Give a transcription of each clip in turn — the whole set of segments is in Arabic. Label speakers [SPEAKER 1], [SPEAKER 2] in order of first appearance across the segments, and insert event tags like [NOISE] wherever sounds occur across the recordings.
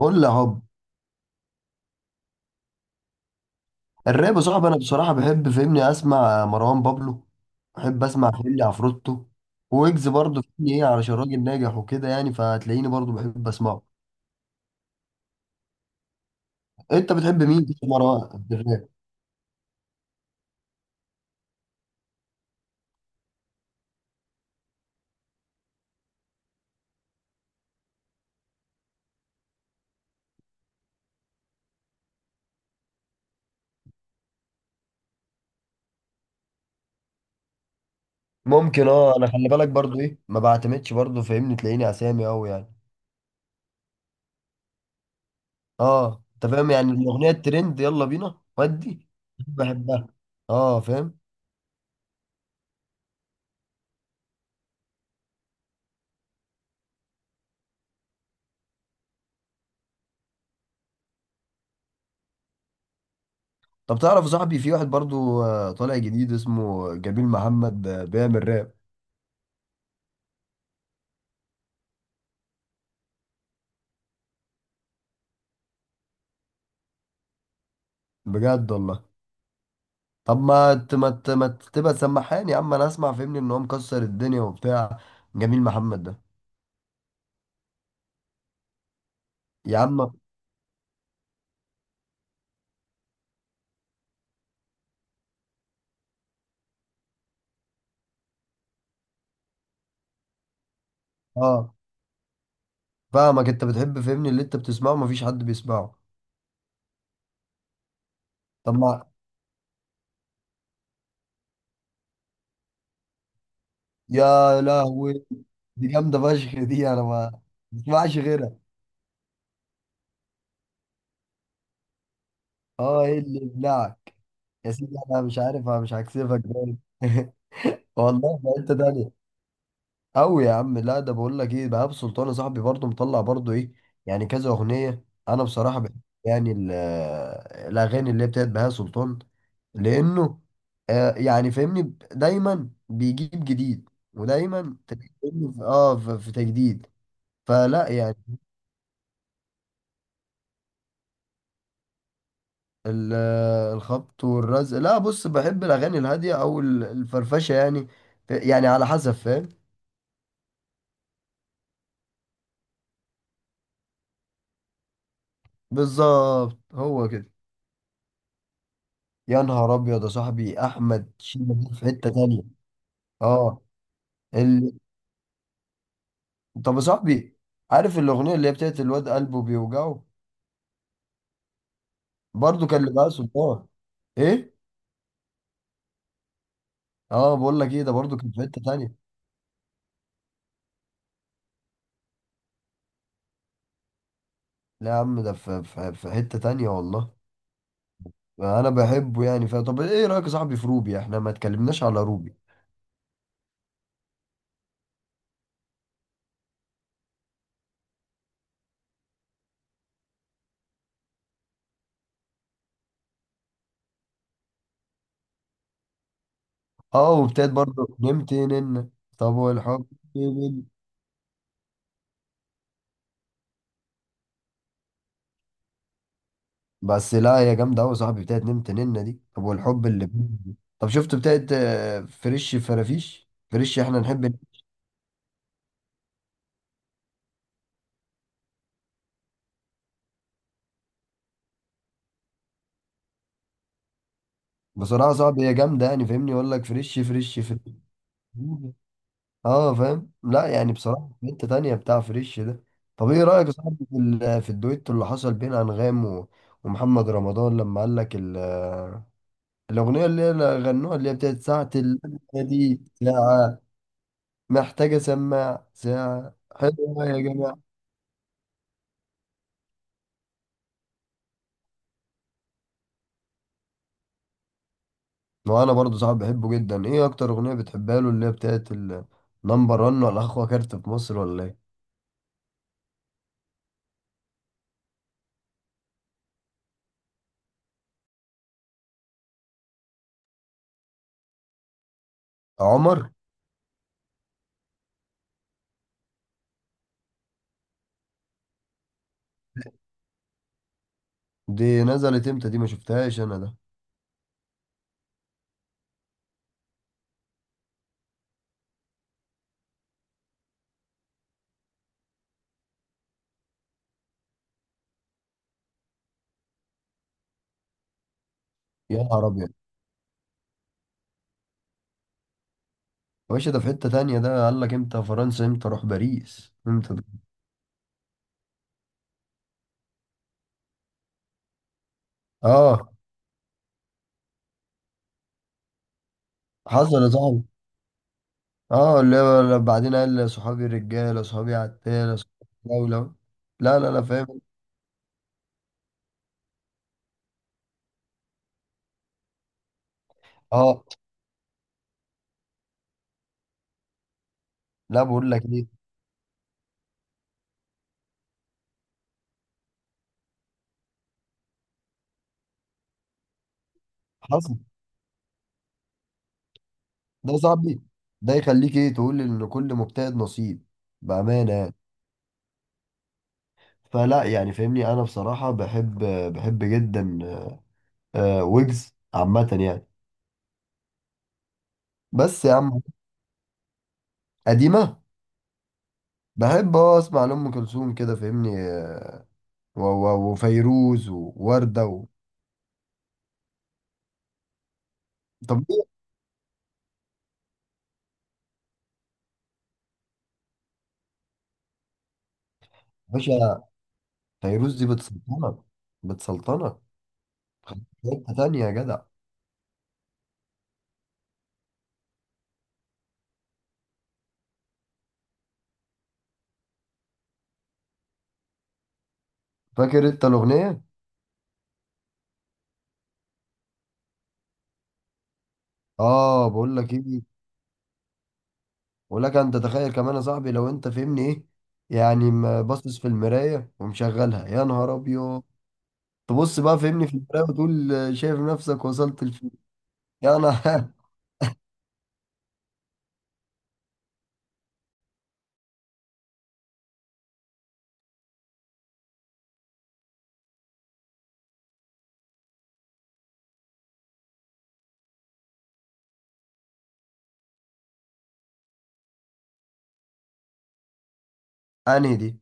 [SPEAKER 1] قول لي هوب. الراب يا صاحبي، انا بصراحه بحب فهمني اسمع مروان بابلو. بحب اسمع فهمني عفروتو. ويجز برضه فهمني ايه علشان راجل ناجح وكده يعني فهتلاقيني برضه بحب اسمعه. انت بتحب مين في مروان في الراب؟ ممكن اه، انا خلي بالك برضه ايه، ما بعتمدش برضه فهمني تلاقيني اسامي قوي يعني. اه، انت فاهم يعني الاغنيه الترند يلا بينا ودي. بحبها. اه فاهم. طب تعرف يا صاحبي، في واحد برضه طالع جديد اسمه جميل محمد، بيعمل راب. بجد والله. طب ما ت- ما ت- ما ت- تبقى سمحان يا عم، انا اسمع فهمني ان هو مكسر الدنيا وبتاع. جميل محمد ده. يا عم. اه فاهمك. انت بتحب فهمني اللي انت بتسمعه مفيش حد بيسمعه. طب ما. يا لهوي، دي جامده فشخ، دي انا ما بسمعش غيرها. اه، ايه اللي يبلعك. يا سيدي، انا مش عارف، انا مش هكسفك ده [LAUGHS] والله في حته تانيه. أوي يا عم، لا ده بقول لك إيه، بهاء سلطان صاحبي برضه مطلع برضه إيه يعني كذا أغنية. أنا بصراحة بحب يعني الأغاني اللي هي بتاعت بهاء سلطان. لأنه يعني فاهمني دايما بيجيب جديد. ودايما تلاقيه فاهمني في تجديد. فلا يعني. ال- الخبط والرزق، لا بص، بحب الأغاني الهادية أو الفرفشة يعني. يعني على حسب فاهم. بالظبط هو كده. يا نهار ابيض يا صاحبي، احمد شيبة دي في حته تانية. اه. ال... طب يا صاحبي، عارف الاغنيه اللي هي بتاعت الواد قلبه بيوجعه، برضو كان لبهاء سلطان. ايه. اه، بقول لك ايه، ده برضو كان في حته تانية. لا يا عم، ده في حته تانية والله. انا بحبه يعني طب ايه رايك يا صاحبي في روبي؟ احنا ما اتكلمناش على روبي. اه وبتاعت برضو نمت نن. طب والحب بال- بس لا، يا جامده قوي يا صاحبي بتاعت نمت نن دي. طب والحب اللي طب شفت بتاعت فريش فرافيش فريش احنا نحب. بصراحة صعب، هي جامدة يعني، فاهمني يقول لك فريش فريش فريش. اه فاهم. لا يعني، بصراحة في حتة تانية بتاع فريش ده. طب ايه رأيك يا صاحبي في في الدويتو اللي حصل بين انغام ومحمد رمضان لما قال لك الأغنية اللي هي غنوها، اللي هي بتاعت ساعة اللمة. دي ساعة محتاجة سماع، ساعة حلوة يا جماعة. وأنا برضو صاحب بحبه جدا. إيه أكتر أغنية بتحبها له؟ اللي هي بتاعت النمبر 1 ولا أخوة كارت في مصر ولا إيه؟ عمر. دي نزلت امتى؟ دي ما شفتهاش انا ده. يا نهار ابيض. يا باشا ده في حتة تانية، ده قال لك امتى فرنسا، امتى اروح باريس، امتى ده. اه، حصل يا صاحبي. اه اللي هو بعدين قال صحابي الرجالة، صحابي عتالة، صحابي الدولة. لا لا لا فاهم. اه. لا بقول لك ايه. حصل. ده يا صاحبي، ده يخليك ايه، تقول ان كل مجتهد نصيب. بأمانة يعني. فلا يعني فاهمني، انا بصراحة بحب، بحب جدا ويجز عامة يعني. بس يا عم. قديمة. بحب اه اسمع لأم كلثوم كده فاهمني، وفيروز ووردة و... طب ليه يا باشا، فيروز دي بتسلطنك، بتسلطنك. في حتة تانية يا جدع. فاكر انت الأغنية؟ اه بقول لك ايه. بقول لك، انت تخيل كمان يا صاحبي، لو انت فهمني ايه يعني ما باصص في المراية ومشغلها. يا نهار ابيض. تبص بقى فهمني في المراية وتقول شايف نفسك وصلت لفين. يا انا. [LAUGHS] انهي دي.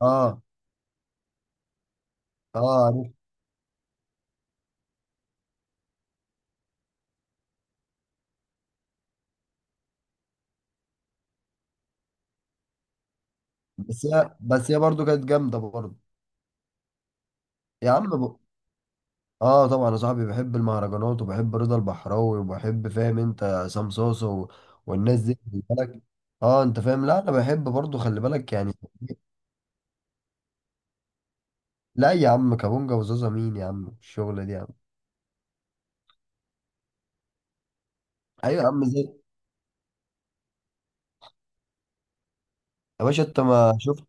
[SPEAKER 1] اه. اه عرفت. بس هي برضه كانت جامدة برضه. يا عم. اه طبعا يا صاحبي، بحب المهرجانات وبحب رضا البحراوي وبحب فاهم انت عصام صاصا والناس دي خلي بالك. اه انت فاهم، لا انا بحب برضو، خلي بالك يعني [LAUGHS] لا يا عم، كابونجا وزازا مين يا عم؟ الشغلة دي يا عم. ايوه يا عم زي. يا باشا انت ما شفت.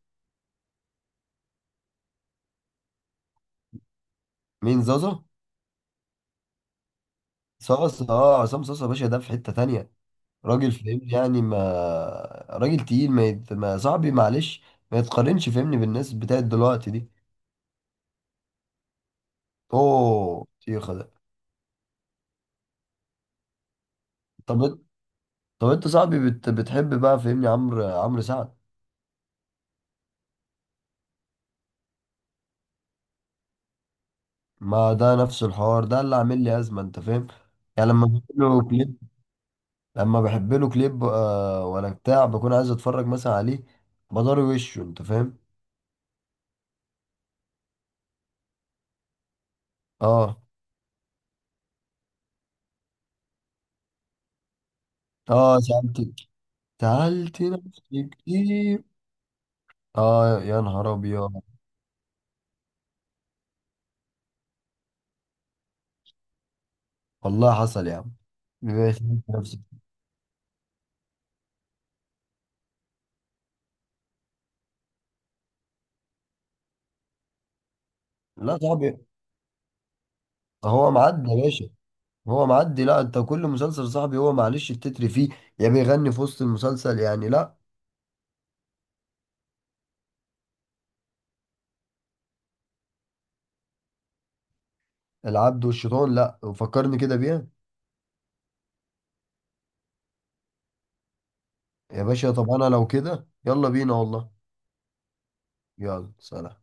[SPEAKER 1] مين زازا. صاصا. اه عصام صاصا يا باشا، ده في حتة تانية. راجل فاهمني يعني ما [LAUGHS] راجل تقيل، ما صاحبي معلش، ما يتقارنش فاهمني بالناس بتاعت دلوقتي دي. اوه طيخة ده. طب انت صاحبي بتحب بقى فاهمني عمرو سعد. ما ده نفس الحوار، ده اللي عامل لي ازمه انت فاهم. يعني لما بحب له كليب. لما بحب له كليب آه، ولا بتاع بكون عايز اتفرج مثلا عليه. بضاري وشه انت فاهم. اه. اه، سالت نفسي كتير. اه يا نهار ابيض. والله حصل يا عم. ماشي، نفسي كتير. لا صاحبي، هو معدي يا باشا. هو معدي، لا انت كل مسلسل صاحبي هو معلش التتر فيه، يا بيغني في وسط المسلسل يعني. لا العبد والشيطان، لا فكرني كده بيها. يا باشا طب انا لو كده، يلا بينا والله. يلا سلام.